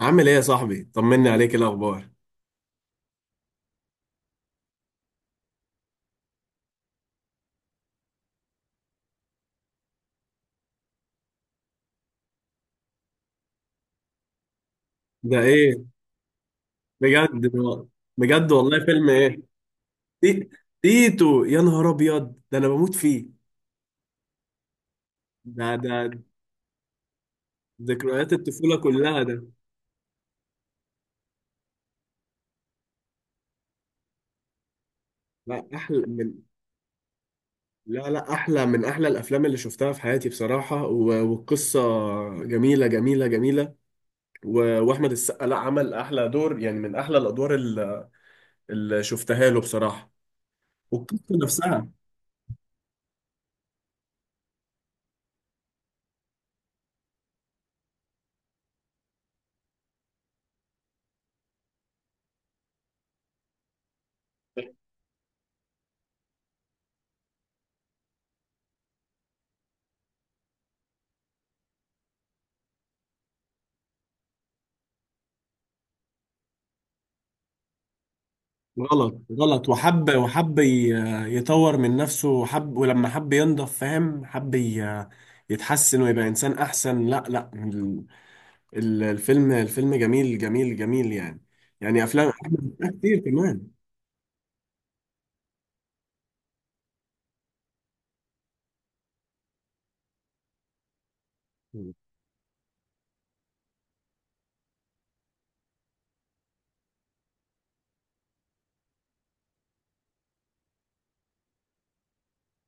عامل ايه يا صاحبي، طمني عليك، إيه الاخبار؟ ده ايه؟ بجد؟ بجد والله، فيلم ايه؟ تي- تيتو، يا نهار ابيض، ده انا بموت فيه. ده ذكريات الطفوله كلها ده. لا، احلى من... لا لا، احلى من احلى الافلام اللي شفتها في حياتي بصراحه، و- والقصه جميله جميله جميله. و- واحمد السقا، لا عمل احلى دور، يعني من احلى الادوار اللي شفتها له بصراحه. والقصه نفسها غلط غلط، وحب وحب يطور من نفسه، وحب، ولما حب ينضف فاهم، حب يتحسن ويبقى إنسان أحسن. لا لا، الفيلم جميل جميل جميل يعني. يعني أفلام أحمد السقا كتير كمان.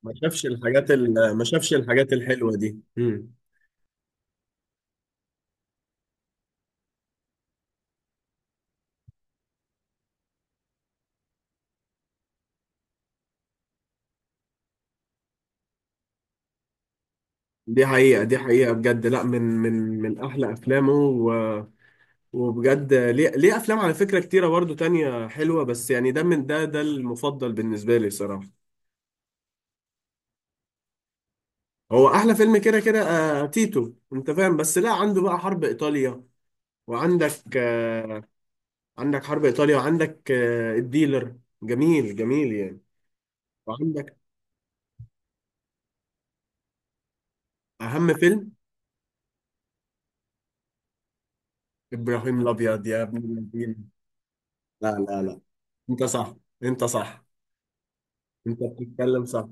ما شافش الحاجات الحلوة دي. مم. دي حقيقة، دي حقيقة بجد، لا، من أحلى أفلامه. و... وبجد ليه أفلام على فكرة كتيرة برضو تانية حلوة، بس يعني، ده من ده المفضل بالنسبة لي صراحة. هو احلى فيلم كده كده، تيتو، انت فاهم، بس لا، عنده بقى حرب ايطاليا، وعندك عندك حرب ايطاليا، وعندك الديلر، جميل جميل يعني. وعندك اهم فيلم، ابراهيم الابيض يا ابن الذين. لا لا لا، انت صح، انت صح. انت بتتكلم صح.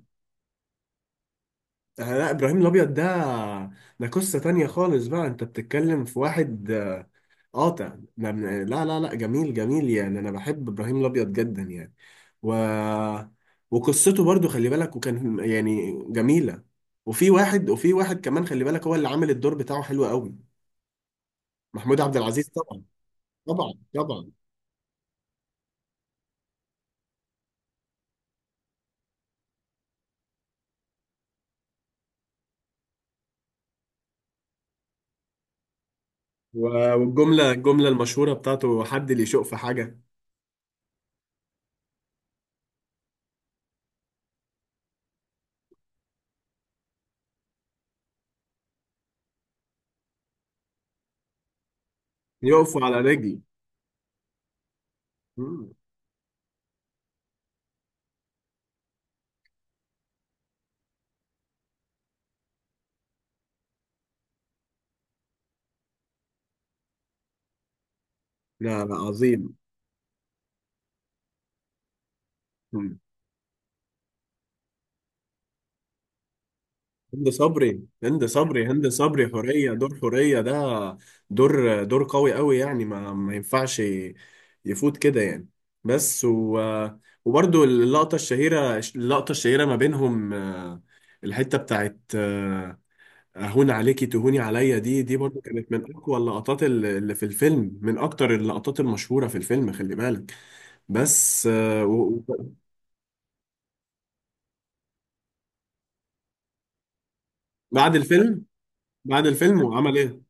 لا، ابراهيم الابيض ده، ده قصة تانية خالص. بقى انت بتتكلم في واحد قاطع، لا لا لا لا، جميل جميل يعني. انا بحب ابراهيم الابيض جدا يعني. و... وقصته برضو خلي بالك، وكان يعني جميله. وفي واحد كمان، خلي بالك، هو اللي عامل الدور بتاعه حلو قوي، محمود عبد العزيز طبعا. طبعا طبعا، و- والجمله، الجمله المشهوره بتاعته، حد اللي يشق في حاجه يقف على رجلي. مم. لا لا، عظيم. هند صبري، هند صبري، هند صبري حورية، دور حورية ده، دور دور قوي قوي يعني، ما ينفعش يفوت كده يعني. بس و... وبرده اللقطة الشهيرة، اللقطة الشهيرة ما بينهم، الحتة بتاعت أهون عليكي تهوني عليا، دي برضو كانت من أقوى اللقطات، اللي في الفيلم من أكتر اللقطات المشهورة في الفيلم، خلي بالك. بس بعد الفيلم، بعد الفيلم وعمل إيه؟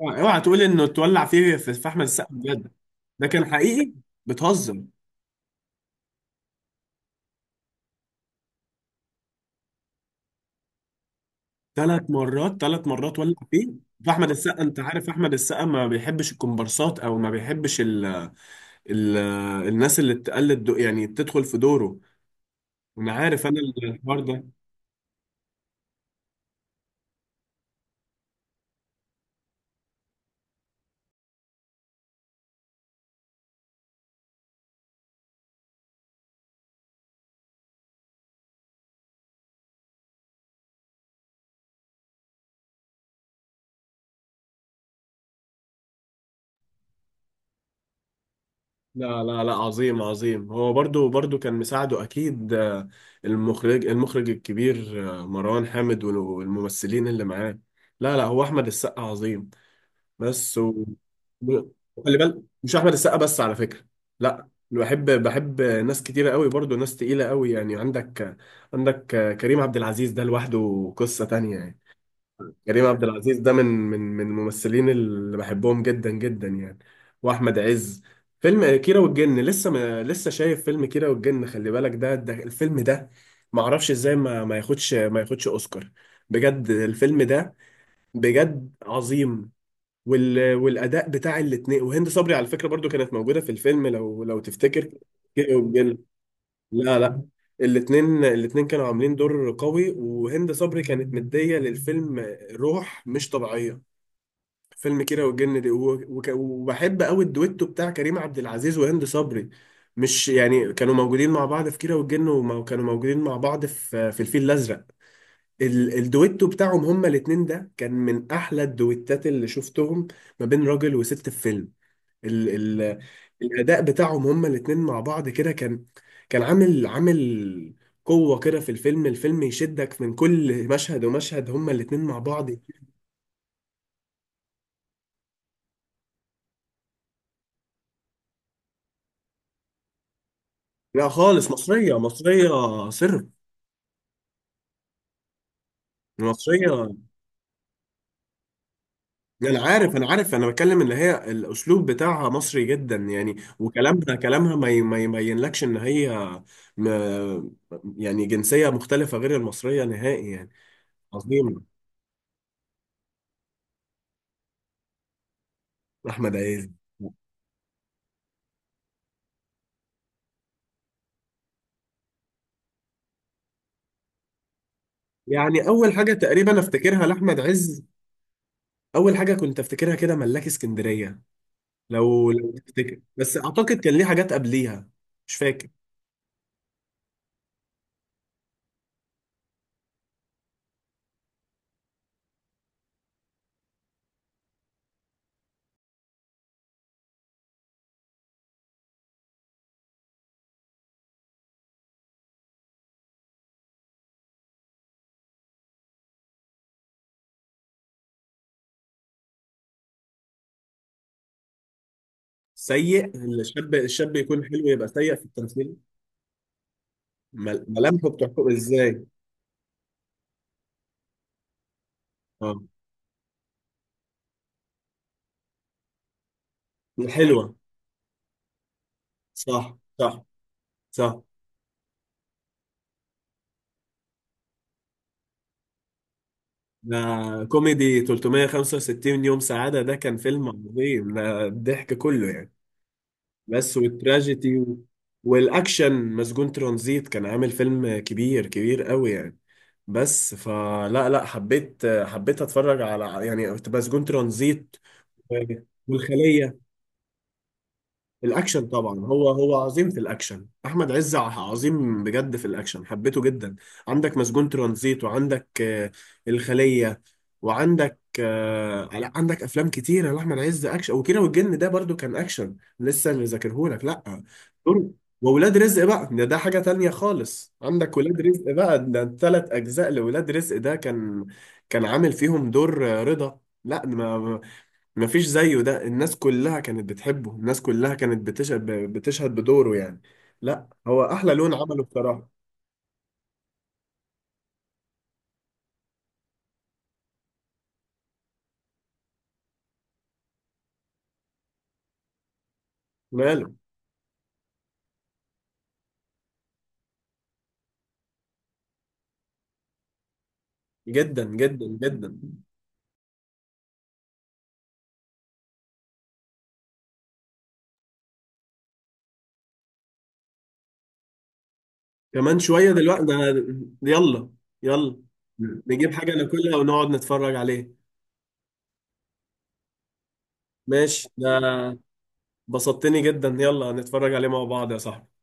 اوعى اوعى تقول إنه اتولع فيه في أحمد السقا بجد. ده كان حقيقي؟ بتهزر. ثلاث مرات، ثلاث مرات ولع فيه؟ فاحمد السقا، انت عارف احمد السقا ما بيحبش الكومبارسات، او ما بيحبش ال الناس اللي تقلد يعني تدخل في دوره. انا عارف، انا الحوار ده. لا لا لا، عظيم عظيم، هو برضو كان مساعده اكيد المخرج الكبير مروان حامد والممثلين اللي معاه. لا لا، هو احمد السقا عظيم، بس و... وخلي بالك، مش احمد السقا بس على فكره. لا، بحب ناس كتيره قوي، برضو ناس تقيله قوي يعني. عندك كريم عبد العزيز ده، لوحده قصه تانية يعني. كريم عبد العزيز ده من من الممثلين اللي بحبهم جدا جدا يعني. واحمد عز، فيلم كيرة والجن، لسه ما لسه شايف فيلم كيرة والجن؟ خلي بالك ده، الفيلم ده ما اعرفش ازاي ما ياخدش، ما ياخدش اوسكار. بجد الفيلم ده، بجد عظيم. والاداء بتاع الاثنين، وهند صبري على فكره برضو كانت موجوده في الفيلم، لو تفتكر. جه وجل. لا لا، الاثنين كانوا عاملين دور قوي، وهند صبري كانت مديه للفيلم روح مش طبيعيه. فيلم كيرة والجن دي، و... وك... وبحب قوي الدويتو بتاع كريم عبد العزيز وهند صبري. مش يعني كانوا موجودين مع بعض في كيرة والجن، وكانوا موجودين مع بعض في الفيل الازرق. الدويتو بتاعهم هما الاتنين، ده كان من احلى الدويتات اللي شفتهم ما بين راجل وست في فيلم. ال ال الاداء بتاعهم هما الاتنين مع بعض كده، كان كان عامل قوة كده في الفيلم يشدك من كل مشهد ومشهد، هما الاتنين مع بعض. لا خالص، مصرية مصرية صرف. مصرية. انا عارف انا عارف، انا بتكلم ان هي الاسلوب بتاعها مصري جدا يعني، وكلامها كلامها ما يبينلكش ان هي م- يعني جنسيه مختلفه غير المصريه نهائي يعني. عظيمه، احمد عز. يعني اول حاجه تقريبا افتكرها لاحمد عز، اول حاجه كنت افتكرها كده، ملاك اسكندريه، لو تفتكر، بس اعتقد كان ليه حاجات قبليها. مش فاكر. سيء؟ الشاب يكون حلو يبقى سيء في التمثيل؟ ملامحه بتحكم ازاي؟ اه. الحلوه. صح صح صح. ده كوميدي، 365 يوم سعادة، ده كان فيلم عظيم، ده الضحك كله يعني. بس والتراجيدي و... والأكشن، مسجون ترانزيت، كان عامل فيلم كبير كبير قوي يعني. بس فلا لا، حبيت أتفرج على يعني مسجون ترانزيت والخلية. الاكشن طبعا، هو عظيم في الاكشن، احمد عز عظيم بجد في الاكشن، حبيته جدا. عندك مسجون ترانزيت، وعندك الخليه، وعندك لا عندك افلام كتيره لاحمد عز اكشن، وكيرة والجن ده برضو كان اكشن لسه، اللي ذاكرهولك، لا دول. وولاد رزق بقى، ده حاجه تانية خالص. عندك ولاد رزق بقى، ده ثلاث اجزاء لولاد رزق، ده كان، كان عامل فيهم دور، رضا، لا مفيش زيه. ده الناس كلها كانت بتحبه، الناس كلها كانت بتشهد بدوره يعني. لا، هو احلى لون عمله بصراحة. ماله؟ جدا جدا جدا. كمان شوية دلوقتي، ده يلا، يلا نجيب حاجة ناكلها ونقعد نتفرج عليه. ماشي، ده بسطتني جدا. يلا نتفرج عليه مع بعض يا صاحبي.